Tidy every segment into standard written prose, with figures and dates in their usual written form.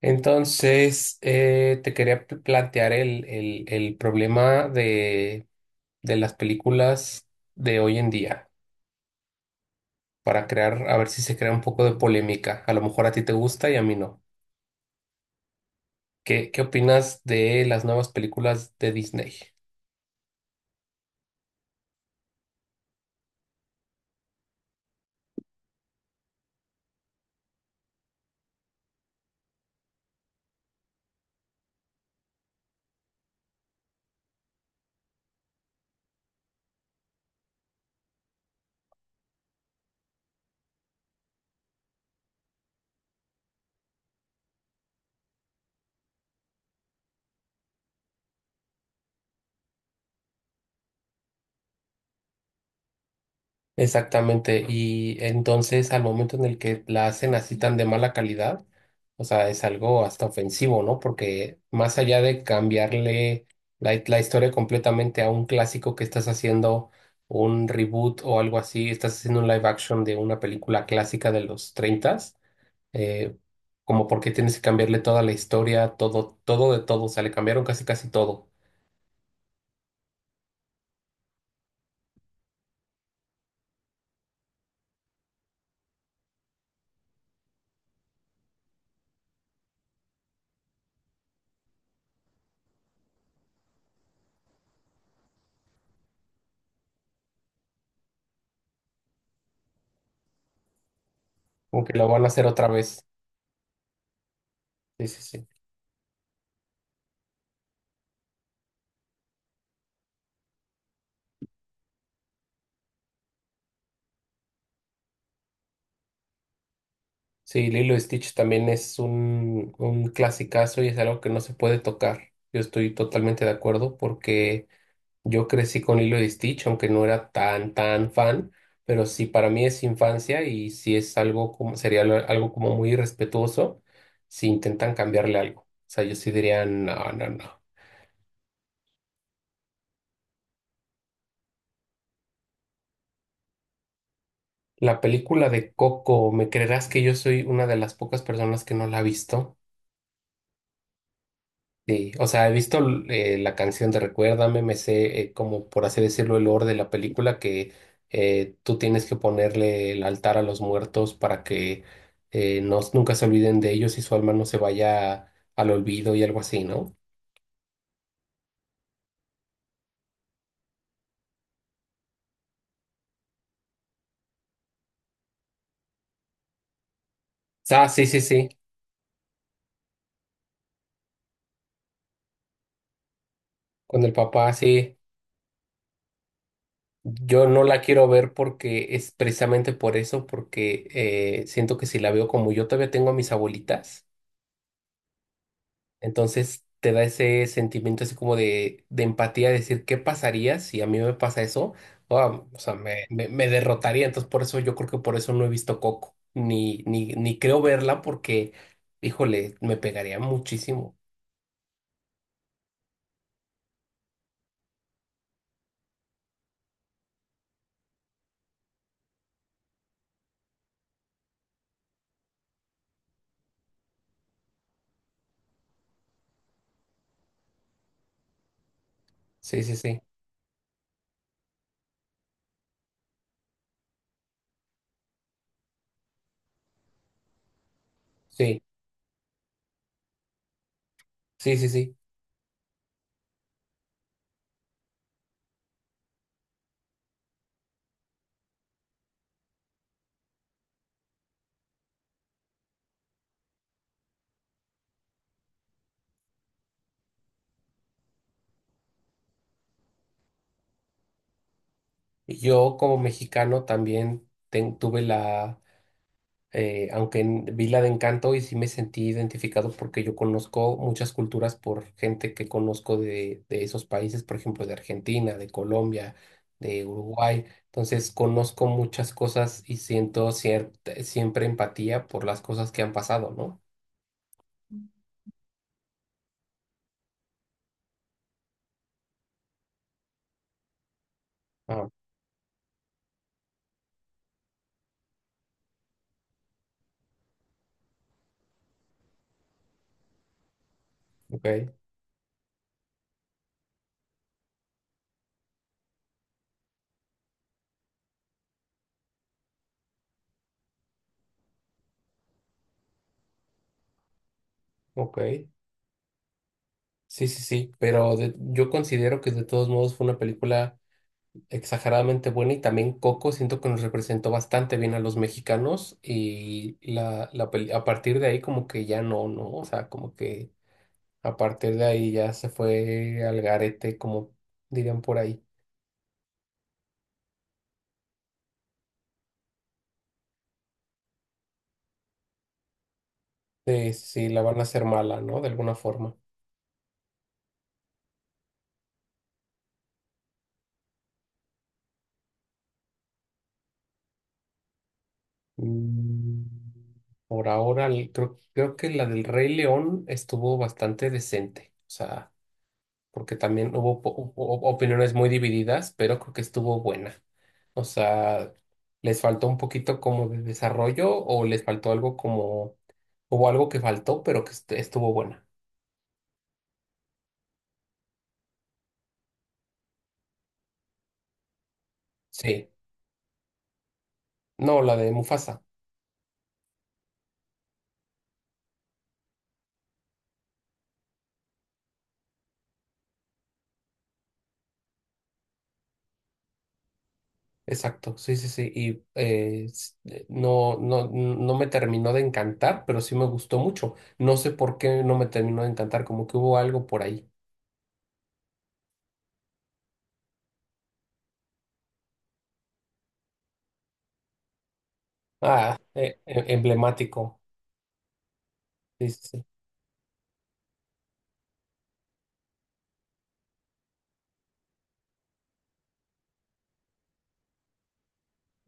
Entonces, te quería plantear el problema de las películas de hoy en día para crear, a ver si se crea un poco de polémica. A lo mejor a ti te gusta y a mí no. ¿Qué opinas de las nuevas películas de Disney? Exactamente, y entonces al momento en el que la hacen así tan de mala calidad, o sea, es algo hasta ofensivo, ¿no? Porque más allá de cambiarle la historia completamente a un clásico que estás haciendo un reboot o algo así, estás haciendo un live action de una película clásica de los 30, eh, como porque tienes que cambiarle toda la historia, todo, todo de todo, o sea, le cambiaron casi casi todo, como que lo van a hacer otra vez. Sí, sí, sí. Sí, Lilo y Stitch también es un clasicazo y es algo que no se puede tocar. Yo estoy totalmente de acuerdo porque yo crecí con Lilo y Stitch, aunque no era tan fan, pero sí para mí es infancia y sí es algo como, algo como muy irrespetuoso si intentan cambiarle algo. O sea, yo sí diría, no, no, no. La película de Coco, ¿me creerás que yo soy una de las pocas personas que no la ha visto? Sí, o sea, he visto la canción de Recuérdame, me sé como por así decirlo el lore de la película que tú tienes que ponerle el altar a los muertos para que no, nunca se olviden de ellos y su alma no se vaya al olvido y algo así, ¿no? Ah, sí, sí, sí, con el papá, sí. Yo no la quiero ver porque es precisamente por eso, porque siento que si la veo como yo todavía tengo a mis abuelitas. Entonces te da ese sentimiento así como de empatía, de decir, ¿qué pasaría si a mí me pasa eso? Ah, o sea, me derrotaría. Entonces por eso yo creo que por eso no he visto Coco, ni, ni, ni creo verla porque, híjole, me pegaría muchísimo. Sí, sí, sí, sí, sí, sí, sí. Y yo como mexicano también tuve la... aunque vi la de Encanto y sí me sentí identificado porque yo conozco muchas culturas por gente que conozco de esos países, por ejemplo, de Argentina, de Colombia, de Uruguay. Entonces conozco muchas cosas y siento cierta, siempre empatía por las cosas que han pasado, ¿no? Ah, ok, ok. Sí, sí, sí, pero yo considero que de todos modos fue una película exageradamente buena y también Coco siento que nos representó bastante bien a los mexicanos y a partir de ahí como que ya no, no, o sea, como que a partir de ahí ya se fue al garete, como dirían por ahí, de si la van a hacer mala, ¿no? De alguna forma. Mm, Por ahora creo que la del Rey León estuvo bastante decente, o sea... porque también hubo opiniones muy divididas, pero creo que estuvo buena. O sea, les faltó un poquito como de desarrollo o les faltó algo como, hubo algo que faltó, pero que estuvo buena. Sí, no, la de Mufasa, exacto, sí, sí, sí, y no, no, no me terminó de encantar, pero sí me gustó mucho. No sé por qué no me terminó de encantar, como que hubo algo por ahí. Ah, emblemático. Sí, sí, sí.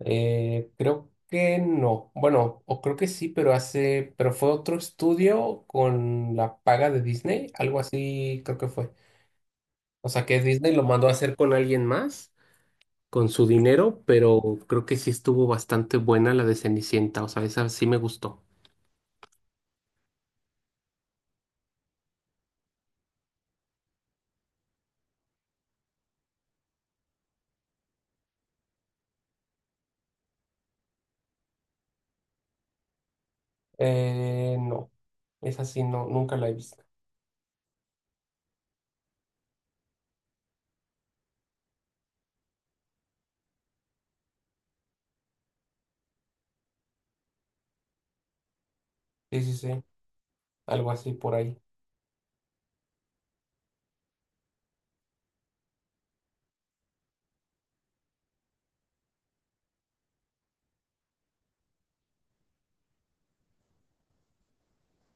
Creo que no. Bueno, o creo que sí, pero hace, pero fue otro estudio con la paga de Disney, algo así creo que fue. O sea que Disney lo mandó a hacer con alguien más, con su dinero, pero creo que sí estuvo bastante buena la de Cenicienta. O sea, esa sí me gustó. No, esa sí no, nunca la he visto. Sí, sí, sí, algo así por ahí.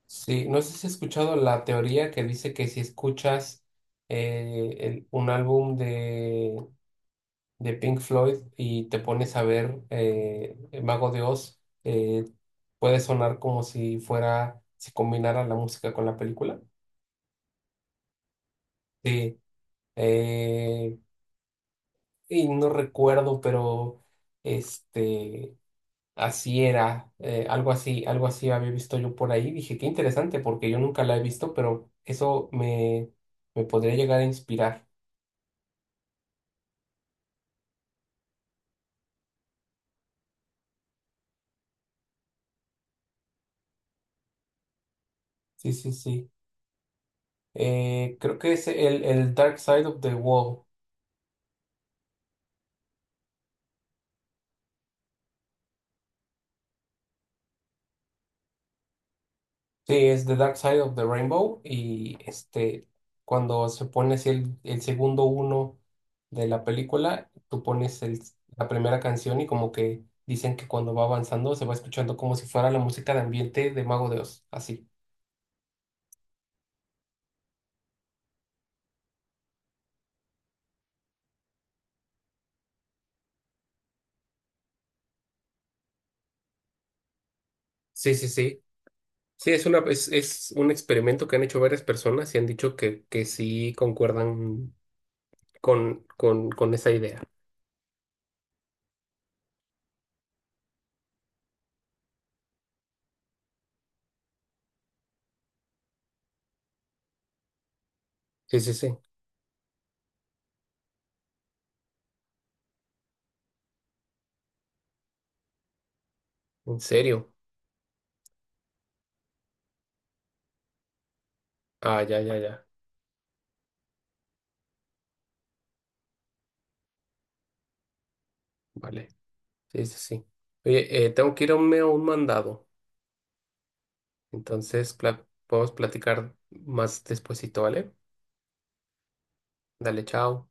Sí, no sé si has escuchado la teoría que dice que si escuchas un álbum de Pink Floyd y te pones a ver el Mago de Oz, puede sonar como si fuera, si combinara la música con la película. Sí, eh, y no recuerdo, pero este, así era, algo así había visto yo por ahí. Dije, qué interesante, porque yo nunca la he visto, pero eso me podría llegar a inspirar. Sí, sí, sí. Creo que es el Dark Side of the Wall. Sí, es The Dark Side of the Rainbow. Y este, cuando se pone así el segundo uno de la película, tú pones la primera canción y como que dicen que cuando va avanzando se va escuchando como si fuera la música de ambiente de Mago de Oz. Así. Sí, sí, sí. Sí, es una, es un experimento que han hecho varias personas y han dicho que sí concuerdan con esa idea. Sí, sí, sí. ¿En serio? Ah, ya, ya, ya. Vale. Sí, sí, sí. Oye, tengo que irme a un mandado. Entonces, podemos platicar más despuesito, ¿vale? Dale, chao.